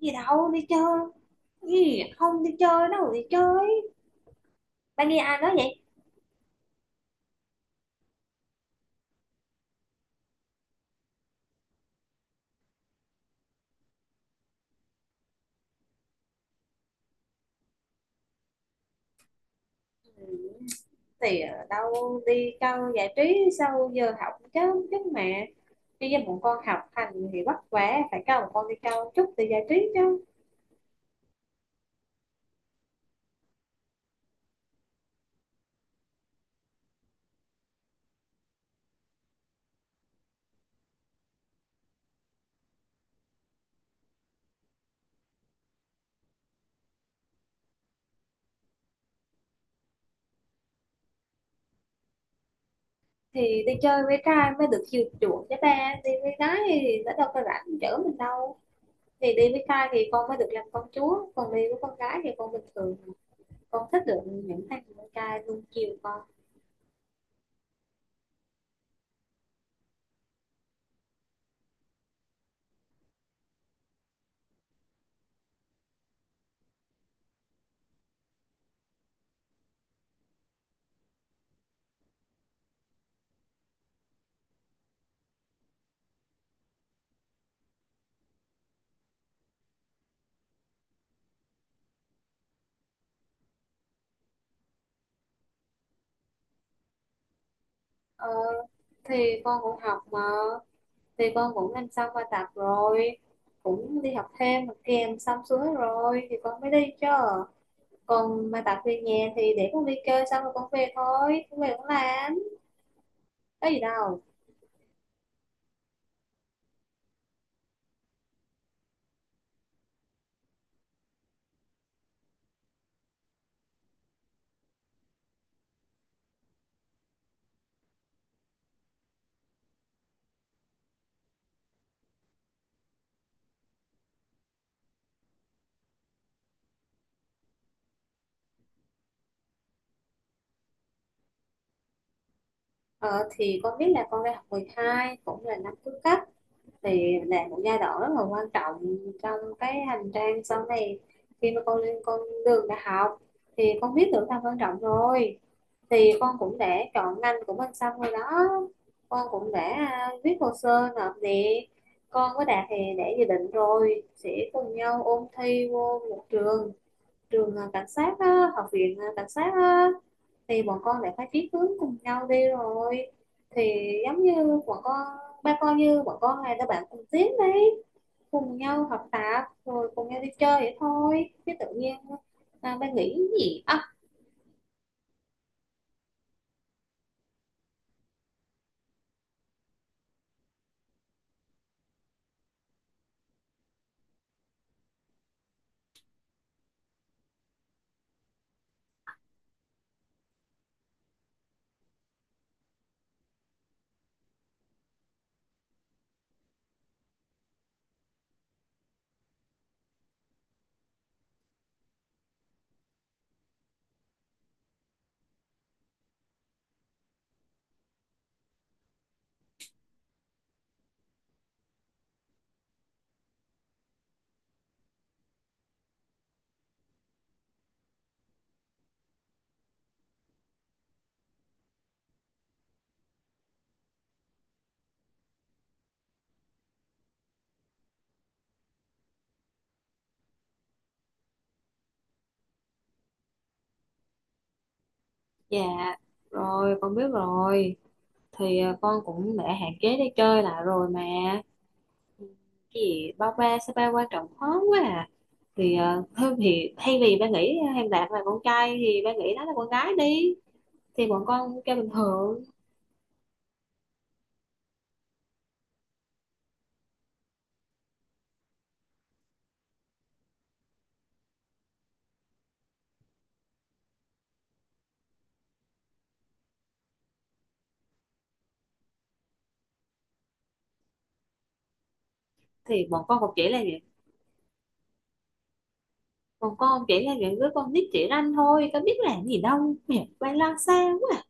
Gì đâu, đi chơi gì? Không đi chơi đâu. Đi chơi, ba nghe ai nói vậy? Ừ, thì ở đâu, đi câu giải trí sau giờ học chứ chứ mà, đi với bọn con học hành thì vất vả, phải câu bọn con đi câu chút thì giải trí chứ. Thì đi chơi với trai mới được chiều chuộng chứ ba, đi với gái thì nó đâu có rảnh chở mình đâu. Thì đi với trai thì con mới được làm công chúa, còn đi với con gái thì con bình thường. Con thích được những thằng con trai luôn chiều con. ờ, thì con cũng học mà, thì con cũng làm xong bài tập rồi, cũng đi học thêm mà kèm xong xuôi rồi thì con mới đi chứ. Còn bài tập về nhà thì để con đi chơi xong rồi con về, thôi con về con làm, có gì đâu. Ờ, thì con biết là con đang học 12 cũng là năm cuối cấp, thì là một giai đoạn rất là quan trọng trong cái hành trang sau này khi mà con lên con đường đại học. Thì con biết được tầm quan trọng rồi, thì con cũng đã chọn ngành của mình xong rồi đó. Con cũng đã viết hồ sơ nộp nè. Con có Đạt thì đã dự định rồi sẽ cùng nhau ôn thi vô một trường, trường cảnh sát á, học viện cảnh sát á. Thì bọn con lại phải chí hướng cùng nhau đi rồi, thì giống như bọn con, ba con như bọn con này là bạn cùng tiến đấy, cùng nhau học tập rồi cùng nhau đi chơi vậy thôi chứ tự nhiên ba nghĩ gì á. Dạ, rồi con biết rồi. Thì con cũng đã hạn chế đi chơi lại rồi mà. Cái gì, ba ba sao ba quan trọng khó quá à. Thì thôi thì thay vì ba nghĩ Hàng Đạt là con trai thì ba nghĩ nó là con gái đi, thì bọn con kêu bình thường. Thì bọn con cũng chỉ là những, bọn con chỉ là những đứa con nít chỉ ranh thôi, có biết làm gì đâu, mẹ ba lo xa quá à.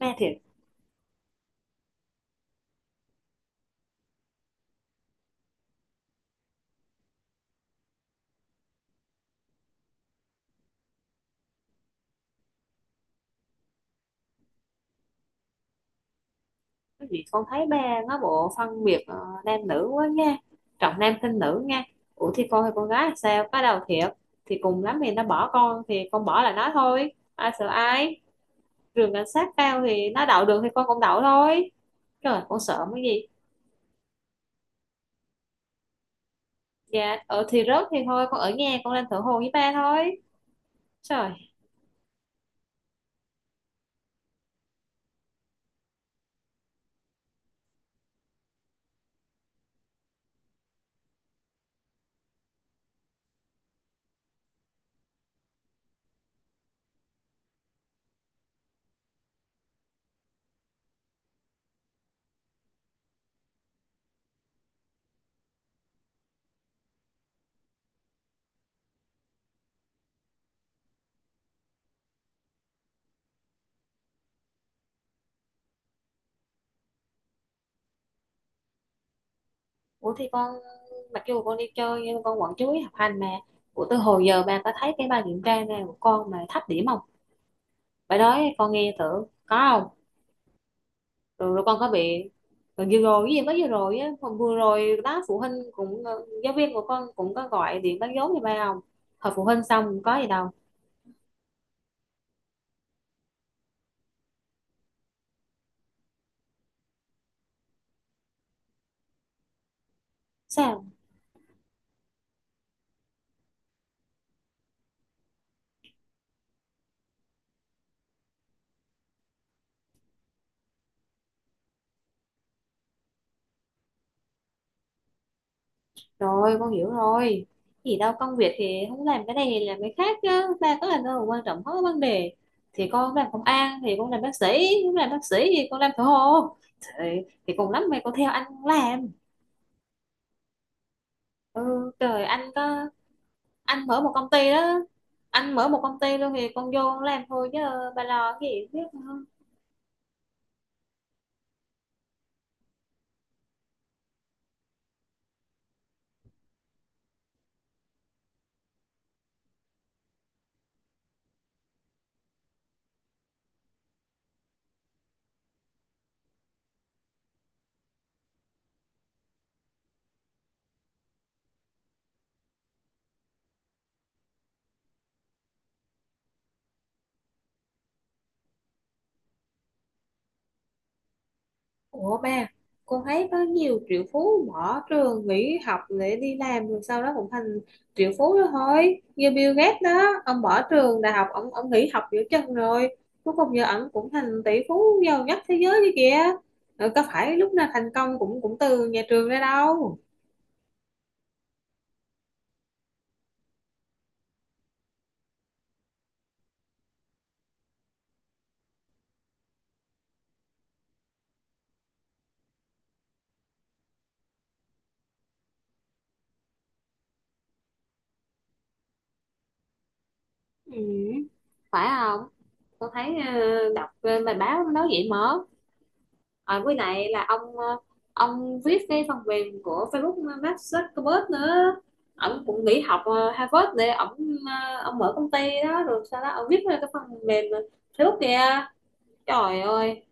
Ba thiệt. Cái gì, con thấy ba nó bộ phân biệt nam nữ quá nha, trọng nam khinh nữ nha. Ủa thì con hay con gái là sao có đâu thiệt, thì cùng lắm thì nó bỏ con thì con bỏ là nó thôi, ai sợ ai. Trường cảnh sát cao thì nó đậu được thì con cũng đậu thôi. Trời, con sợ cái gì. Dạ, ở thì rớt thì thôi, con ở nhà con lên thở hồ với ba thôi. Trời! Ủa thì con, mặc dù con đi chơi nhưng con vẫn chú ý học hành mà. Ủa từ hồi giờ ba có thấy cái bài kiểm tra này của con mà thấp điểm không? Bài đó con nghe thử, có không? Rồi, rồi con có bị, rồi vừa rồi cái gì, mới vừa rồi á, hôm vừa rồi đó phụ huynh cũng giáo viên của con cũng có gọi điện báo dấu như ba không? Hồi phụ huynh xong có gì đâu. Sao? Rồi con hiểu rồi. Thì đâu, công việc thì không làm cái này thì làm cái khác chứ, ba có làm đâu mà quan trọng hết vấn đề. Thì con làm công an, thì con làm bác sĩ, con làm bác sĩ thì con làm thợ hồ. Thì, thì cùng lắm mày có theo anh làm. Ừ, trời anh có, anh mở một công ty đó, anh mở một công ty luôn thì con vô con làm thôi chứ. Bà lo cái gì biết. Ủa ba, con thấy có nhiều triệu phú bỏ trường nghỉ học để đi làm rồi sau đó cũng thành triệu phú đó thôi. Như Bill Gates đó, ông bỏ trường đại học, ông nghỉ học giữa chừng rồi. Cuối cùng giờ ông cũng thành tỷ phú giàu nhất thế giới kia kìa. Rồi có phải lúc nào thành công cũng cũng từ nhà trường ra đâu. Ừ, phải không? Con thấy đọc bài báo nó nói vậy mà. Với lại là ông ông viết cái phần mềm của Facebook, Mark Zuckerberg nữa, ông cũng nghỉ học Harvard để ông ông mở công ty đó rồi sau đó ông viết ra cái phần mềm Facebook kìa. Trời ơi!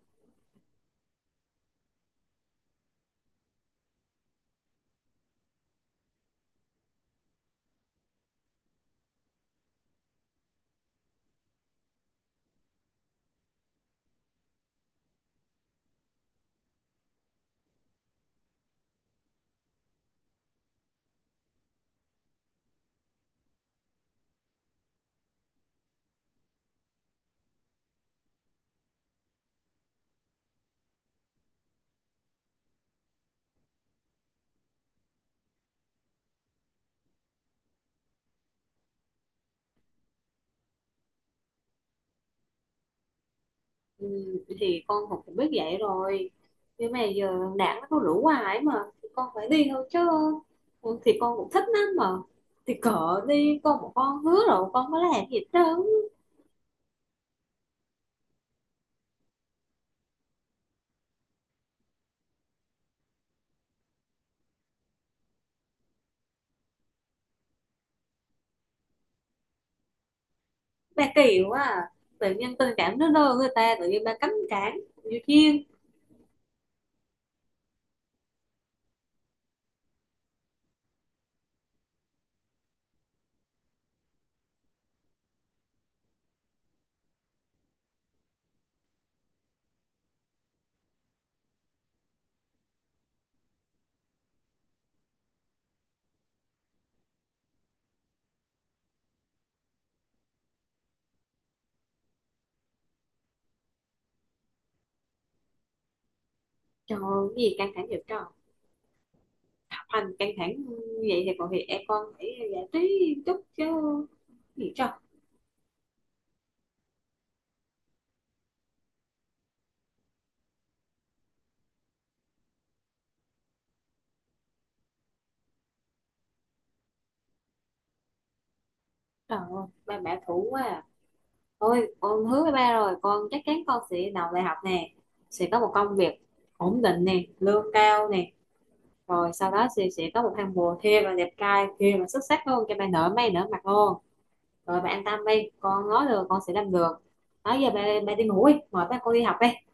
Ừ, thì con học cũng biết vậy rồi, nhưng mà giờ đảng nó có rủ hoài mà thì con phải đi thôi chứ. Ừ, thì con cũng thích lắm mà, thì cỡ đi con một con hứa rồi con có làm gì hết trơn. Ba kỳ quá à. Tự nhiên tình cảm nó lơ người ta tự nhiên ba cấm cản nhiều chiên. Trời ơi, cái gì căng thẳng vậy trời, học hành căng thẳng như vậy thì còn thì em con phải giải trí chút chứ. Cái gì trời! Trời ơi, ba bả thủ quá à. Thôi con hứa với ba rồi, con chắc chắn con sẽ đầu đại học nè, sẽ có một công việc ổn định nè, lương cao nè, rồi sau đó sẽ có một thằng bồ thê và đẹp trai kia mà xuất sắc hơn cho ba nở mày nở mặt luôn. Rồi bạn an tâm đi, con nói được con sẽ làm được. Đó, giờ bà đi ngủ đi, mời bác con đi học đi.